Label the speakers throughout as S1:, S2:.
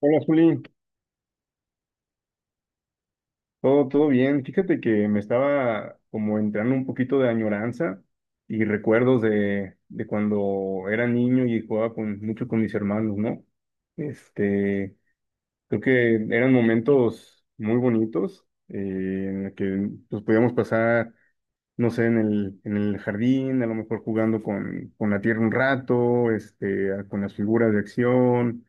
S1: Hola, Juli. Todo, todo bien. Fíjate que me estaba como entrando un poquito de añoranza y recuerdos de cuando era niño y jugaba mucho con mis hermanos, ¿no? Este, creo que eran momentos muy bonitos en el que pues, podíamos pasar, no sé, en el jardín, a lo mejor jugando con la tierra un rato, con las figuras de acción,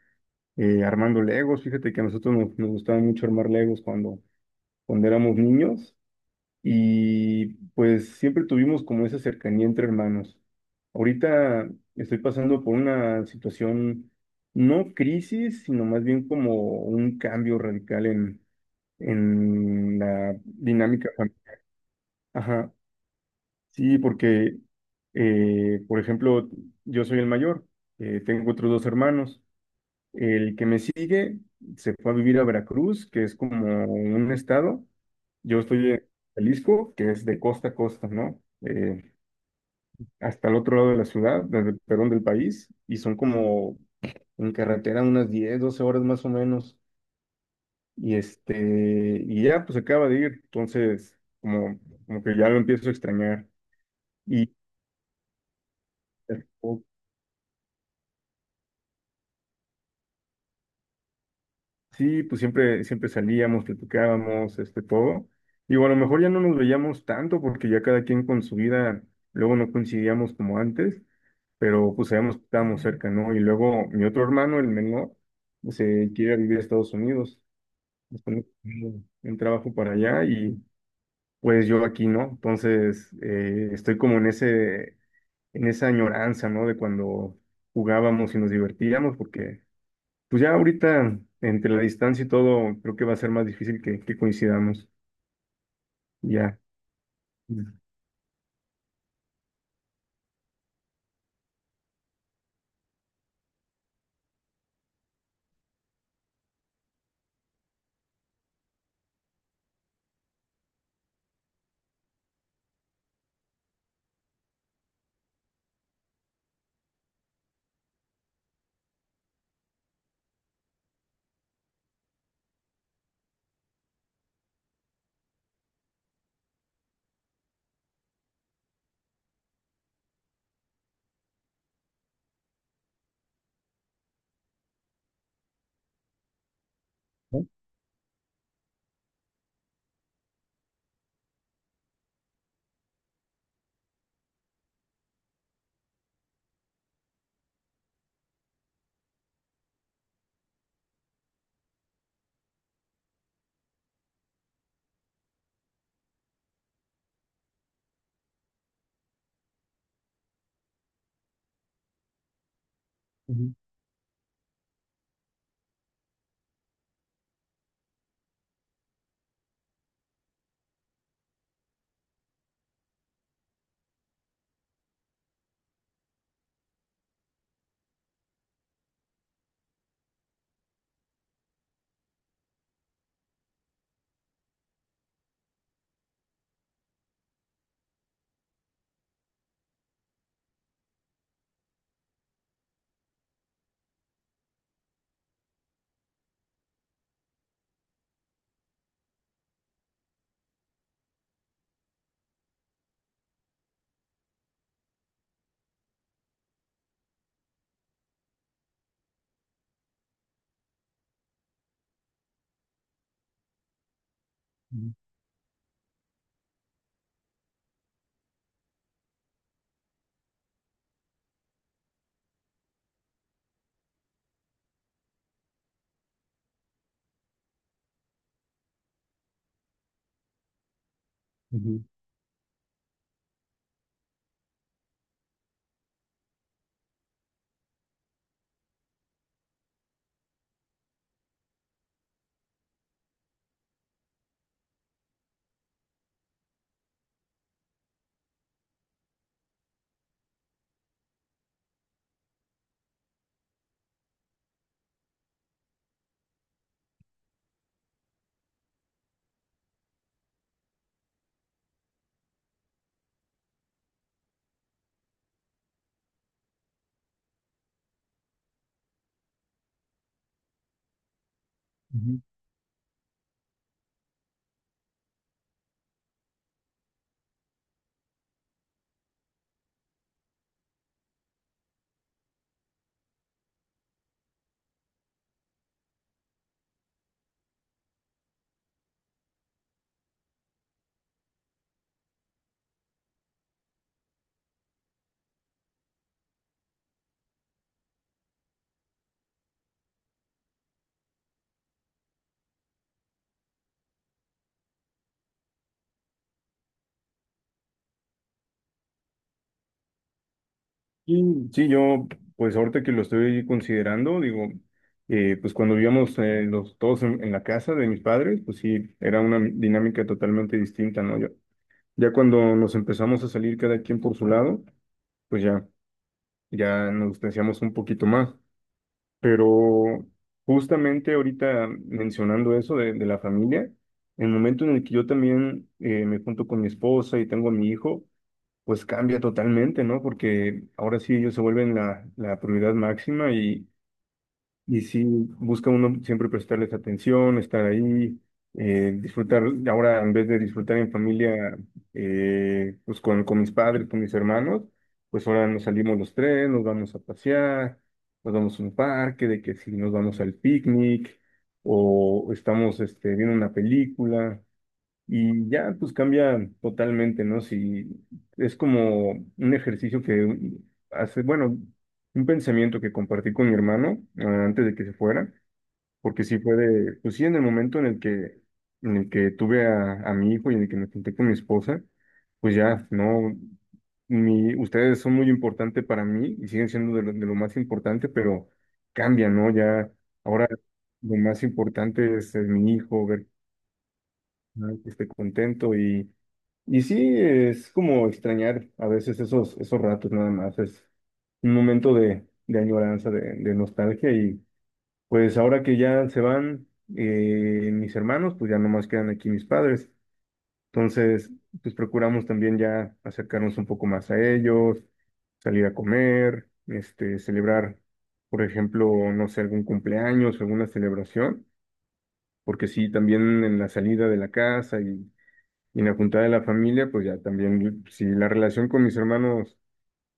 S1: armando Legos. Fíjate que a nosotros nos gustaba mucho armar Legos cuando éramos niños y pues siempre tuvimos como esa cercanía entre hermanos. Ahorita estoy pasando por una situación, no crisis, sino más bien como un cambio radical en la dinámica familiar. Ajá, sí, porque, por ejemplo, yo soy el mayor, tengo otros dos hermanos. El que me sigue se fue a vivir a Veracruz, que es como un estado. Yo estoy en Jalisco, que es de costa a costa, ¿no? Hasta el otro lado de la ciudad, desde el perdón del país, y son como en carretera unas 10, 12 horas más o menos. Y y ya pues acaba de ir, entonces como que ya lo empiezo a extrañar. Y sí, pues siempre, siempre salíamos, platicábamos, todo. Digo, a lo mejor ya no nos veíamos tanto porque ya cada quien con su vida, luego no coincidíamos como antes, pero pues sabíamos que estábamos cerca, ¿no? Y luego mi otro hermano, el menor, se quiere vivir a Estados Unidos, después en trabajo para allá y pues yo aquí, ¿no? Entonces, estoy como en esa añoranza, ¿no? De cuando jugábamos y nos divertíamos porque pues ya ahorita, entre la distancia y todo, creo que va a ser más difícil que coincidamos. Ya. Ujú, ujú, ujú, ujú. Y sí, yo, pues ahorita que lo estoy considerando, digo, pues cuando vivíamos todos en la casa de mis padres, pues sí, era una dinámica totalmente distinta, ¿no? Ya, ya cuando nos empezamos a salir cada quien por su lado, pues ya, nos distanciamos un poquito más. Pero justamente ahorita mencionando eso de la familia, el momento en el que yo también me junto con mi esposa y tengo a mi hijo, pues cambia totalmente, ¿no? Porque ahora sí ellos se vuelven la prioridad máxima y sí, busca uno siempre prestarles atención, estar ahí, disfrutar, ahora en vez de disfrutar en familia, pues con mis padres, con mis hermanos, pues ahora nos salimos los tres, nos vamos a pasear, nos vamos a un parque, de que si nos vamos al picnic, o estamos viendo una película, y ya pues cambia totalmente, ¿no? Si es como un ejercicio que hace, bueno, un pensamiento que compartí con mi hermano antes de que se fuera, porque sí fue pues sí, en el momento en el que tuve a mi hijo y en el que me junté con mi esposa, pues ya, no, ustedes son muy importantes para mí y siguen siendo de lo más importante, pero cambia, ¿no? Ya, ahora lo más importante es, mi hijo, ver que esté contento y sí, es como extrañar a veces esos ratos nada más. Es un momento de añoranza, de nostalgia. Y pues ahora que ya se van mis hermanos, pues ya nomás quedan aquí mis padres. Entonces, pues procuramos también ya acercarnos un poco más a ellos, salir a comer, celebrar, por ejemplo, no sé, algún cumpleaños, alguna celebración. Porque sí, también en la salida de la casa y en la juntada de la familia, pues ya también, si la relación con mis hermanos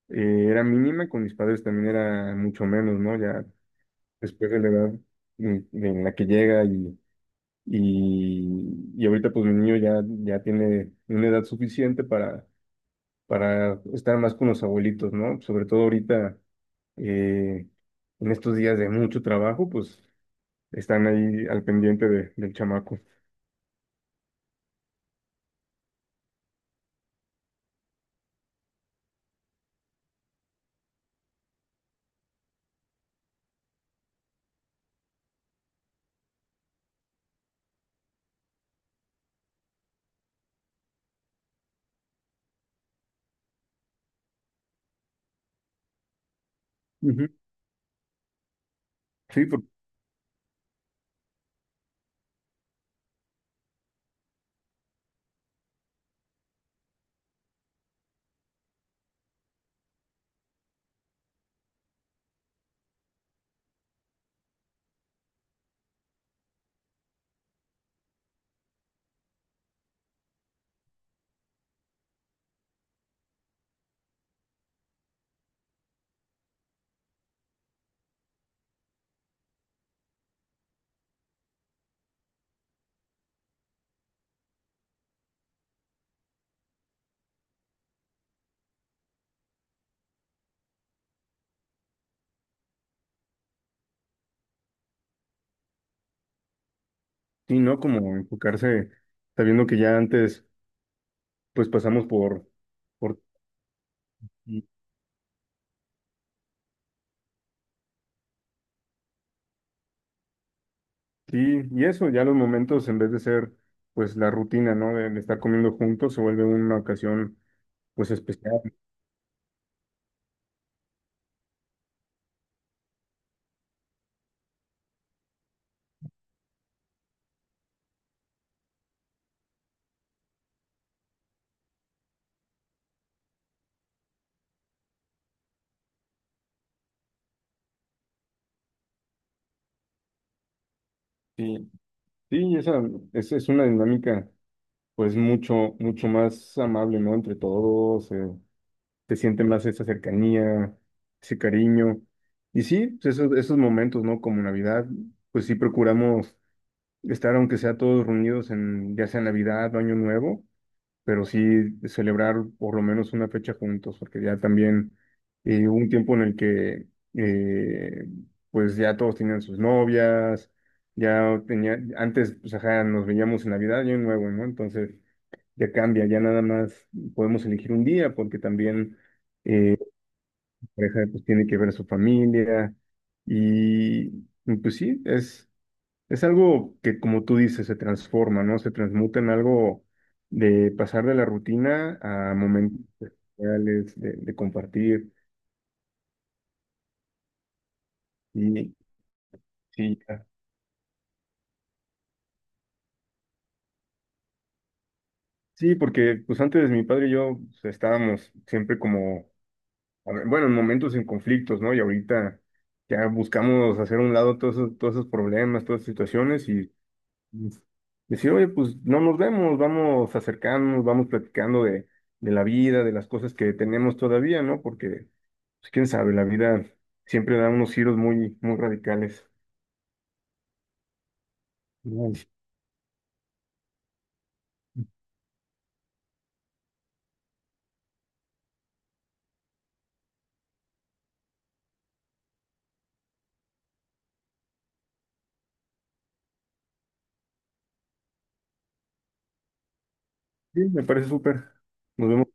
S1: era mínima, con mis padres también era mucho menos, ¿no? Ya después de la edad en la que llega y ahorita pues mi niño ya tiene una edad suficiente para estar más con los abuelitos, ¿no? Sobre todo ahorita, eh, en estos días de mucho trabajo, pues están ahí al pendiente del chamaco. Ujú. Sí, sí, ¿no? Como enfocarse, sabiendo que ya antes pues pasamos por ti y eso, ya los momentos en vez de ser pues la rutina, ¿no? De estar comiendo juntos se vuelve una ocasión pues especial. Sí, sí, esa es una dinámica pues mucho, mucho más amable, ¿no? Entre todos, se siente más esa cercanía, ese cariño. Y sí, pues, esos momentos, ¿no? Como Navidad, pues sí procuramos estar aunque sea todos reunidos en ya sea Navidad o Año Nuevo, pero sí celebrar por lo menos una fecha juntos, porque ya también hubo un tiempo en el que eh, pues ya todos tenían sus novias, ya tenía, antes pues ajá, nos veíamos en Navidad y Año Nuevo, ¿no? Entonces ya cambia, ya nada más podemos elegir un día, porque también eh, la pareja pues tiene que ver a su familia y, pues sí, Es algo que, como tú dices, se transforma, ¿no? Se transmuta en algo de pasar de la rutina a momentos reales, de compartir. Y sí, ya. Sí, porque pues antes mi padre y yo pues, estábamos siempre como, a ver, bueno, en momentos en conflictos, ¿no? Y ahorita ya buscamos hacer a un lado todos esos problemas, todas esas situaciones y pues, decir, oye, pues no nos vemos, vamos acercándonos, vamos platicando de la vida, de las cosas que tenemos todavía, ¿no? Porque Pues, quién sabe, la vida siempre da unos giros muy, muy radicales. Bueno, sí, me parece súper. Nos vemos.